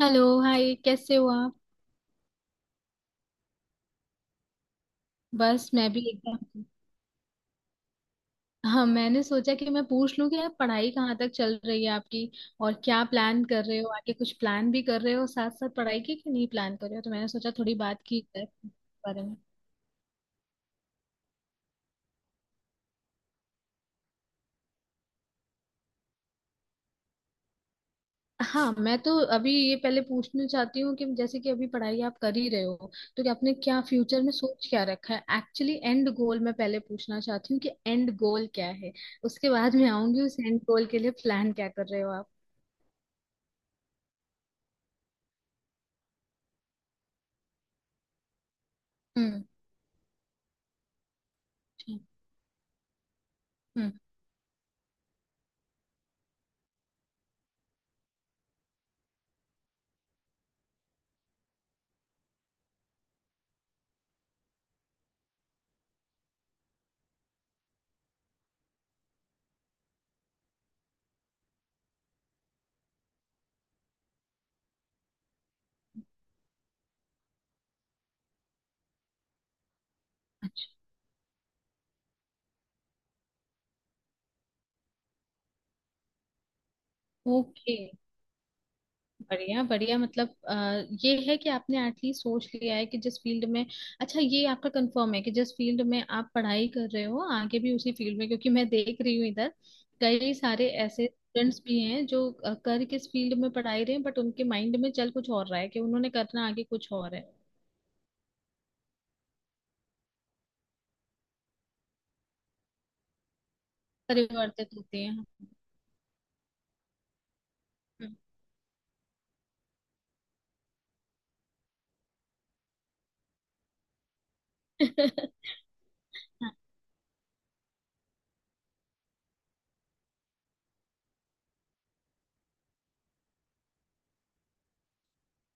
Hello, hi, कैसे हो आप? बस मैं भी एकदम। हाँ, मैंने सोचा कि मैं पूछ लूं कि आप पढ़ाई कहाँ तक चल रही है आपकी, और क्या प्लान कर रहे हो आगे? कुछ प्लान भी कर रहे हो साथ साथ पढ़ाई की कि नहीं प्लान कर रहे हो, तो मैंने सोचा थोड़ी बात की जाए इस बारे में। हाँ, मैं तो अभी ये पहले पूछना चाहती हूँ कि जैसे कि अभी पढ़ाई आप कर ही रहे हो, तो कि आपने क्या फ्यूचर में सोच क्या रखा है एक्चुअली। एंड गोल मैं पहले पूछना चाहती हूँ कि एंड गोल क्या है। उसके बाद मैं आऊंगी उस एंड गोल के लिए प्लान क्या कर रहे हो आप। हम्म। अच्छा। ओके। बढ़िया बढ़िया, मतलब ये है कि आपने एटलीस्ट सोच लिया है कि जिस फील्ड में। अच्छा, ये आपका कंफर्म है कि जिस फील्ड में आप पढ़ाई कर रहे हो आगे भी उसी फील्ड में? क्योंकि मैं देख रही हूँ इधर कई सारे ऐसे स्टूडेंट्स भी हैं जो कर किस फील्ड में पढ़ाई रहे हैं बट उनके माइंड में चल कुछ और रहा है कि उन्होंने करना आगे कुछ और है। परिवर्तित होते हैं। हम्म।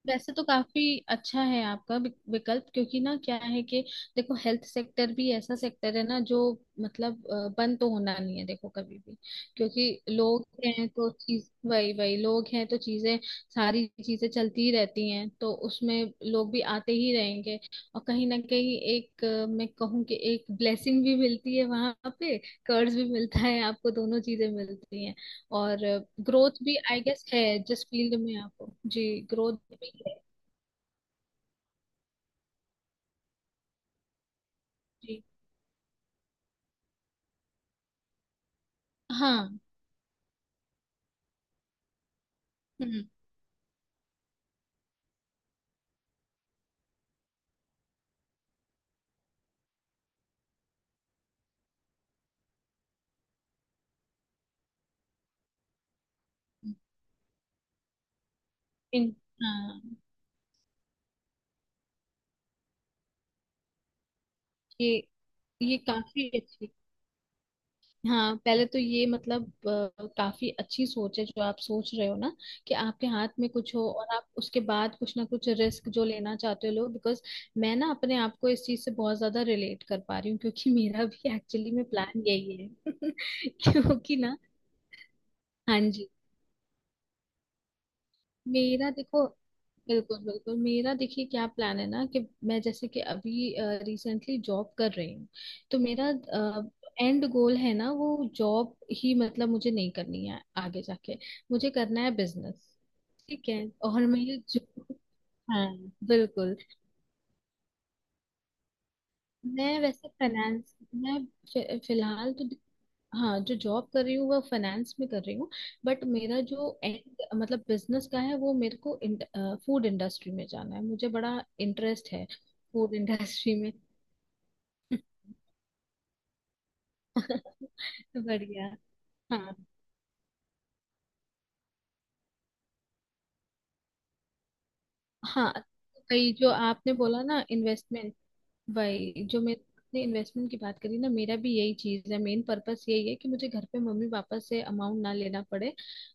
वैसे तो काफी अच्छा है आपका विकल्प, क्योंकि ना क्या है कि देखो हेल्थ सेक्टर भी ऐसा सेक्टर है ना जो, मतलब बंद तो होना नहीं है देखो कभी भी। क्योंकि लोग हैं तो चीज वही वही, लोग हैं तो चीजें, सारी चीजें चलती ही रहती हैं तो उसमें लोग भी आते ही रहेंगे। और कहीं ना कहीं एक मैं कहूँ कि एक ब्लेसिंग भी मिलती है वहां पे। कर्ज भी मिलता है आपको, दोनों चीजें मिलती हैं। और ग्रोथ भी आई गेस है, जिस फील्ड में आप हो जी, ग्रोथ भी है। जी। हाँ। हम्म। इन। हाँ ये ये काफी अच्छी, हाँ पहले तो ये मतलब काफी अच्छी सोच है जो आप सोच रहे हो ना कि आपके हाथ में कुछ हो और आप उसके बाद कुछ ना कुछ रिस्क जो लेना चाहते हो लो, बिकॉज मैं ना अपने आप को इस चीज से बहुत ज्यादा रिलेट कर पा रही हूँ क्योंकि मेरा भी एक्चुअली में प्लान यही है। क्योंकि ना हाँ जी मेरा देखो बिल्कुल बिल्कुल, मेरा देखिए क्या प्लान है ना कि मैं जैसे कि अभी रिसेंटली जॉब कर रही हूँ, तो मेरा एंड गोल है ना वो, जॉब ही मतलब मुझे नहीं करनी है आगे जाके, मुझे करना है बिजनेस। ठीक है। और मैं ये जो, हाँ, बिल्कुल। मैं वैसे फाइनेंस मैं फिलहाल तो हाँ जो जॉब कर रही हूँ वह फाइनेंस में कर रही हूँ, बट मेरा जो end, मतलब बिजनेस का है वो मेरे को फूड इंडस्ट्री में जाना है, मुझे बड़ा इंटरेस्ट है फूड इंडस्ट्री में। बढ़िया। हाँ हाँ, तो कई जो आपने बोला ना इन्वेस्टमेंट, वही जो मैं ने इन्वेस्टमेंट की बात करी ना, मेरा भी यही चीज है, मेन पर्पस यही है कि मुझे घर पे मम्मी पापा से अमाउंट ना लेना पड़े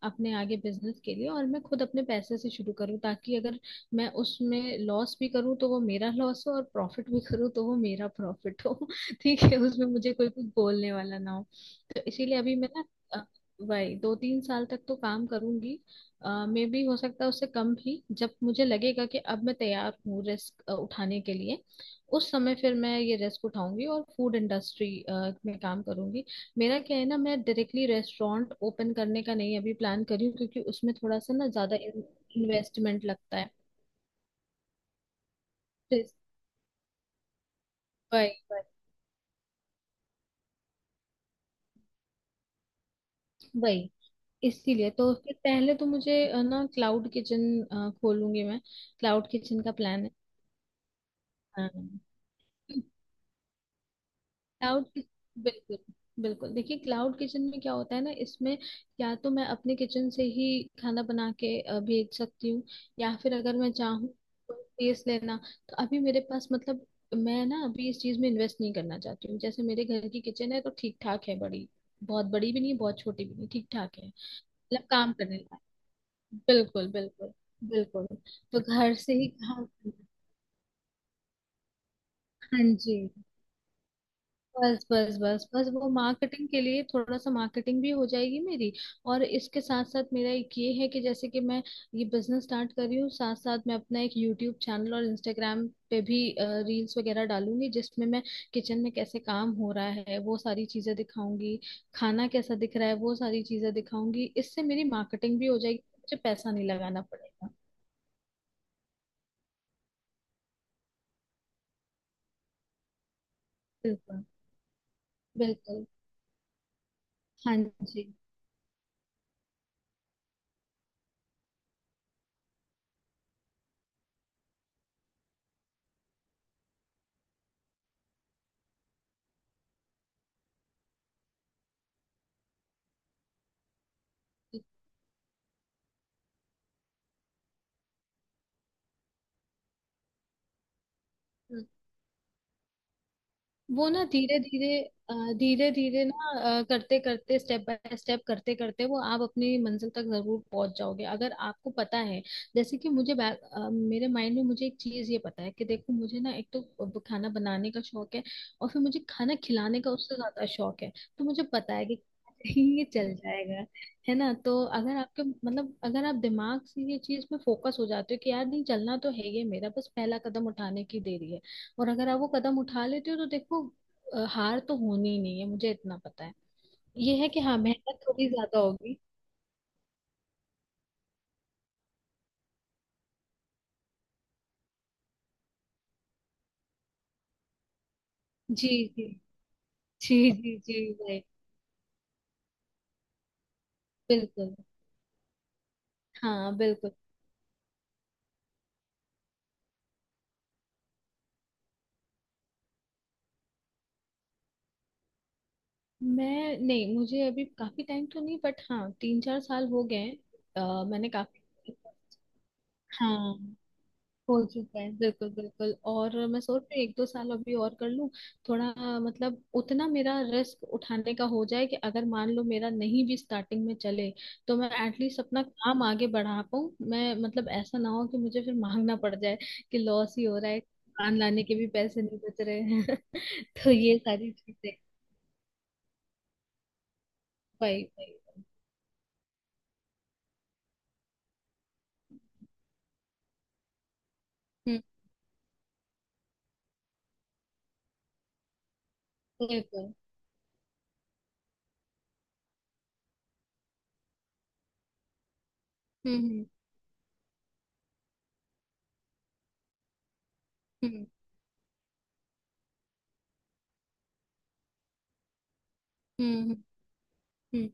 अपने आगे बिजनेस के लिए, और मैं खुद अपने पैसे से शुरू करूँ ताकि अगर मैं उसमें लॉस भी करूँ तो वो मेरा लॉस हो, और प्रॉफिट भी करूँ तो वो मेरा प्रॉफिट हो। ठीक है, उसमें मुझे कोई कुछ बोलने वाला ना हो। तो इसीलिए अभी मैं ना अ, वही 2 3 साल तक तो काम करूंगी। मे भी हो सकता है उससे कम भी, जब मुझे लगेगा कि अब मैं तैयार हूँ रिस्क उठाने के लिए उस समय फिर मैं ये रिस्क उठाऊंगी और फूड इंडस्ट्री में काम करूंगी। मेरा क्या है ना, मैं डायरेक्टली रेस्टोरेंट ओपन करने का नहीं अभी प्लान कर रही हूँ क्योंकि उसमें थोड़ा सा ना ज्यादा इन्वेस्टमेंट लगता है। तो वही वही वही, इसीलिए तो फिर पहले तो मुझे ना क्लाउड किचन खोलूंगी मैं। क्लाउड किचन का प्लान है। हाँ। क्लाउड बिल्कुल बिल्कुल, देखिए क्लाउड किचन में क्या होता है ना, इसमें या तो मैं अपने किचन से ही खाना बना के भेज सकती हूँ, या फिर अगर मैं चाहूँ टेस्ट लेना, तो अभी मेरे पास मतलब मैं ना अभी इस चीज में इन्वेस्ट नहीं करना चाहती हूँ। जैसे मेरे घर की किचन है तो ठीक ठाक है, बड़ी, बहुत बड़ी भी नहीं बहुत छोटी भी नहीं, ठीक ठाक है, मतलब काम करने लायक। बिल्कुल बिल्कुल बिल्कुल, तो घर से ही काम करना। हाँ जी। बस बस बस बस वो मार्केटिंग के लिए, थोड़ा सा मार्केटिंग भी हो जाएगी मेरी। और इसके साथ साथ मेरा एक ये है कि जैसे कि मैं ये बिजनेस स्टार्ट कर रही हूँ साथ साथ मैं अपना एक यूट्यूब चैनल और इंस्टाग्राम पे भी रील्स वगैरह डालूंगी, जिसमें मैं किचन में कैसे काम हो रहा है वो सारी चीजें दिखाऊंगी, खाना कैसा दिख रहा है वो सारी चीजें दिखाऊंगी, इससे मेरी मार्केटिंग भी हो जाएगी, मुझे पैसा नहीं लगाना पड़ेगा। बिल्कुल बिल्कुल। हाँ जी। वो ना धीरे धीरे धीरे धीरे ना, करते करते स्टेप बाय स्टेप करते करते वो आप अपनी मंजिल तक जरूर पहुंच जाओगे, अगर आपको पता है। जैसे कि मुझे मेरे माइंड में मुझे एक चीज ये पता है कि देखो, मुझे ना एक तो खाना बनाने का शौक है, और फिर मुझे खाना खिलाने का उससे ज्यादा शौक है, तो मुझे पता है कि ये चल जाएगा। है ना? तो अगर आपके मतलब अगर आप दिमाग से ये चीज में फोकस हो जाते हो कि यार नहीं, चलना तो है ये, मेरा बस पहला कदम उठाने की देरी है। और अगर आप वो कदम उठा लेते हो तो देखो हार तो होनी ही नहीं है, मुझे इतना पता है। ये है कि हाँ, मेहनत थोड़ी ज्यादा होगी। जी जी जी जी जी भाई। बिल्कुल। हाँ बिल्कुल। मैं नहीं, मुझे अभी काफी टाइम तो नहीं, बट हाँ 3 4 साल हो गए हैं। मैंने काफी, हाँ हो चुका है बिल्कुल बिल्कुल, और मैं सोच रही हूँ 1 2 साल अभी और कर लूँ थोड़ा, मतलब उतना मेरा रिस्क उठाने का हो जाए कि अगर मान लो मेरा नहीं भी स्टार्टिंग में चले तो मैं एटलीस्ट अपना काम आगे बढ़ा पाऊँ मैं, मतलब ऐसा ना हो कि मुझे फिर मांगना पड़ जाए कि लॉस ही हो रहा है दुकान लाने के भी पैसे नहीं बच रहे हैं। तो ये सारी चीजें भाई भाई। हम्म। बिल्कुल। हम्म हम्म हम्म हम्म हम्म।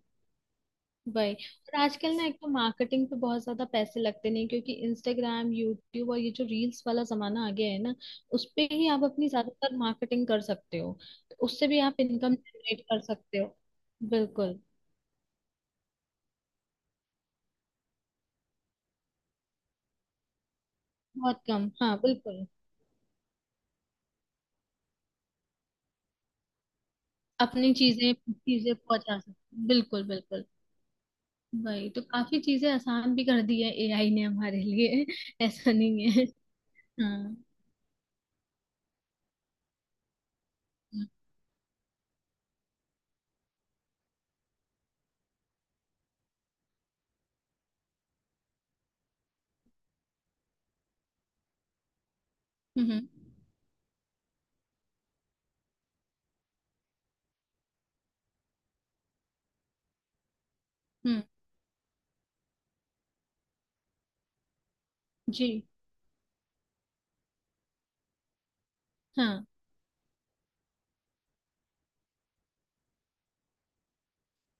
वही, और आजकल ना एक तो मार्केटिंग पे बहुत ज्यादा पैसे लगते नहीं क्योंकि इंस्टाग्राम यूट्यूब और ये जो रील्स वाला जमाना आ गया है ना, उस पे ही आप अपनी ज्यादातर मार्केटिंग कर सकते हो, तो उससे भी आप इनकम जनरेट कर सकते हो। बिल्कुल बहुत कम, हाँ बिल्कुल। अपनी चीजें चीजें पहुंचा सकते हो। बिल्कुल बिल्कुल। वही तो काफी चीजें आसान भी कर दी है एआई ने हमारे लिए। ऐसा नहीं है। हाँ। हम्म हम्म हम्म, जी हाँ।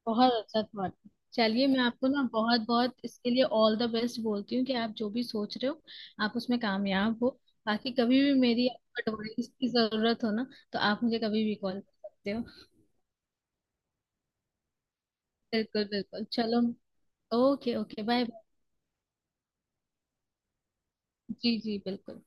बहुत अच्छा थॉट। चलिए, मैं आपको ना बहुत बहुत इसके लिए ऑल द बेस्ट बोलती हूँ कि आप जो भी सोच रहे हो आप उसमें कामयाब हो। बाकी कभी भी मेरी आपको एडवाइस की जरूरत हो ना तो आप मुझे कभी भी कॉल कर सकते हो। बिल्कुल बिल्कुल। चलो। Okay okay. Bye bye. जी जी बिल्कुल।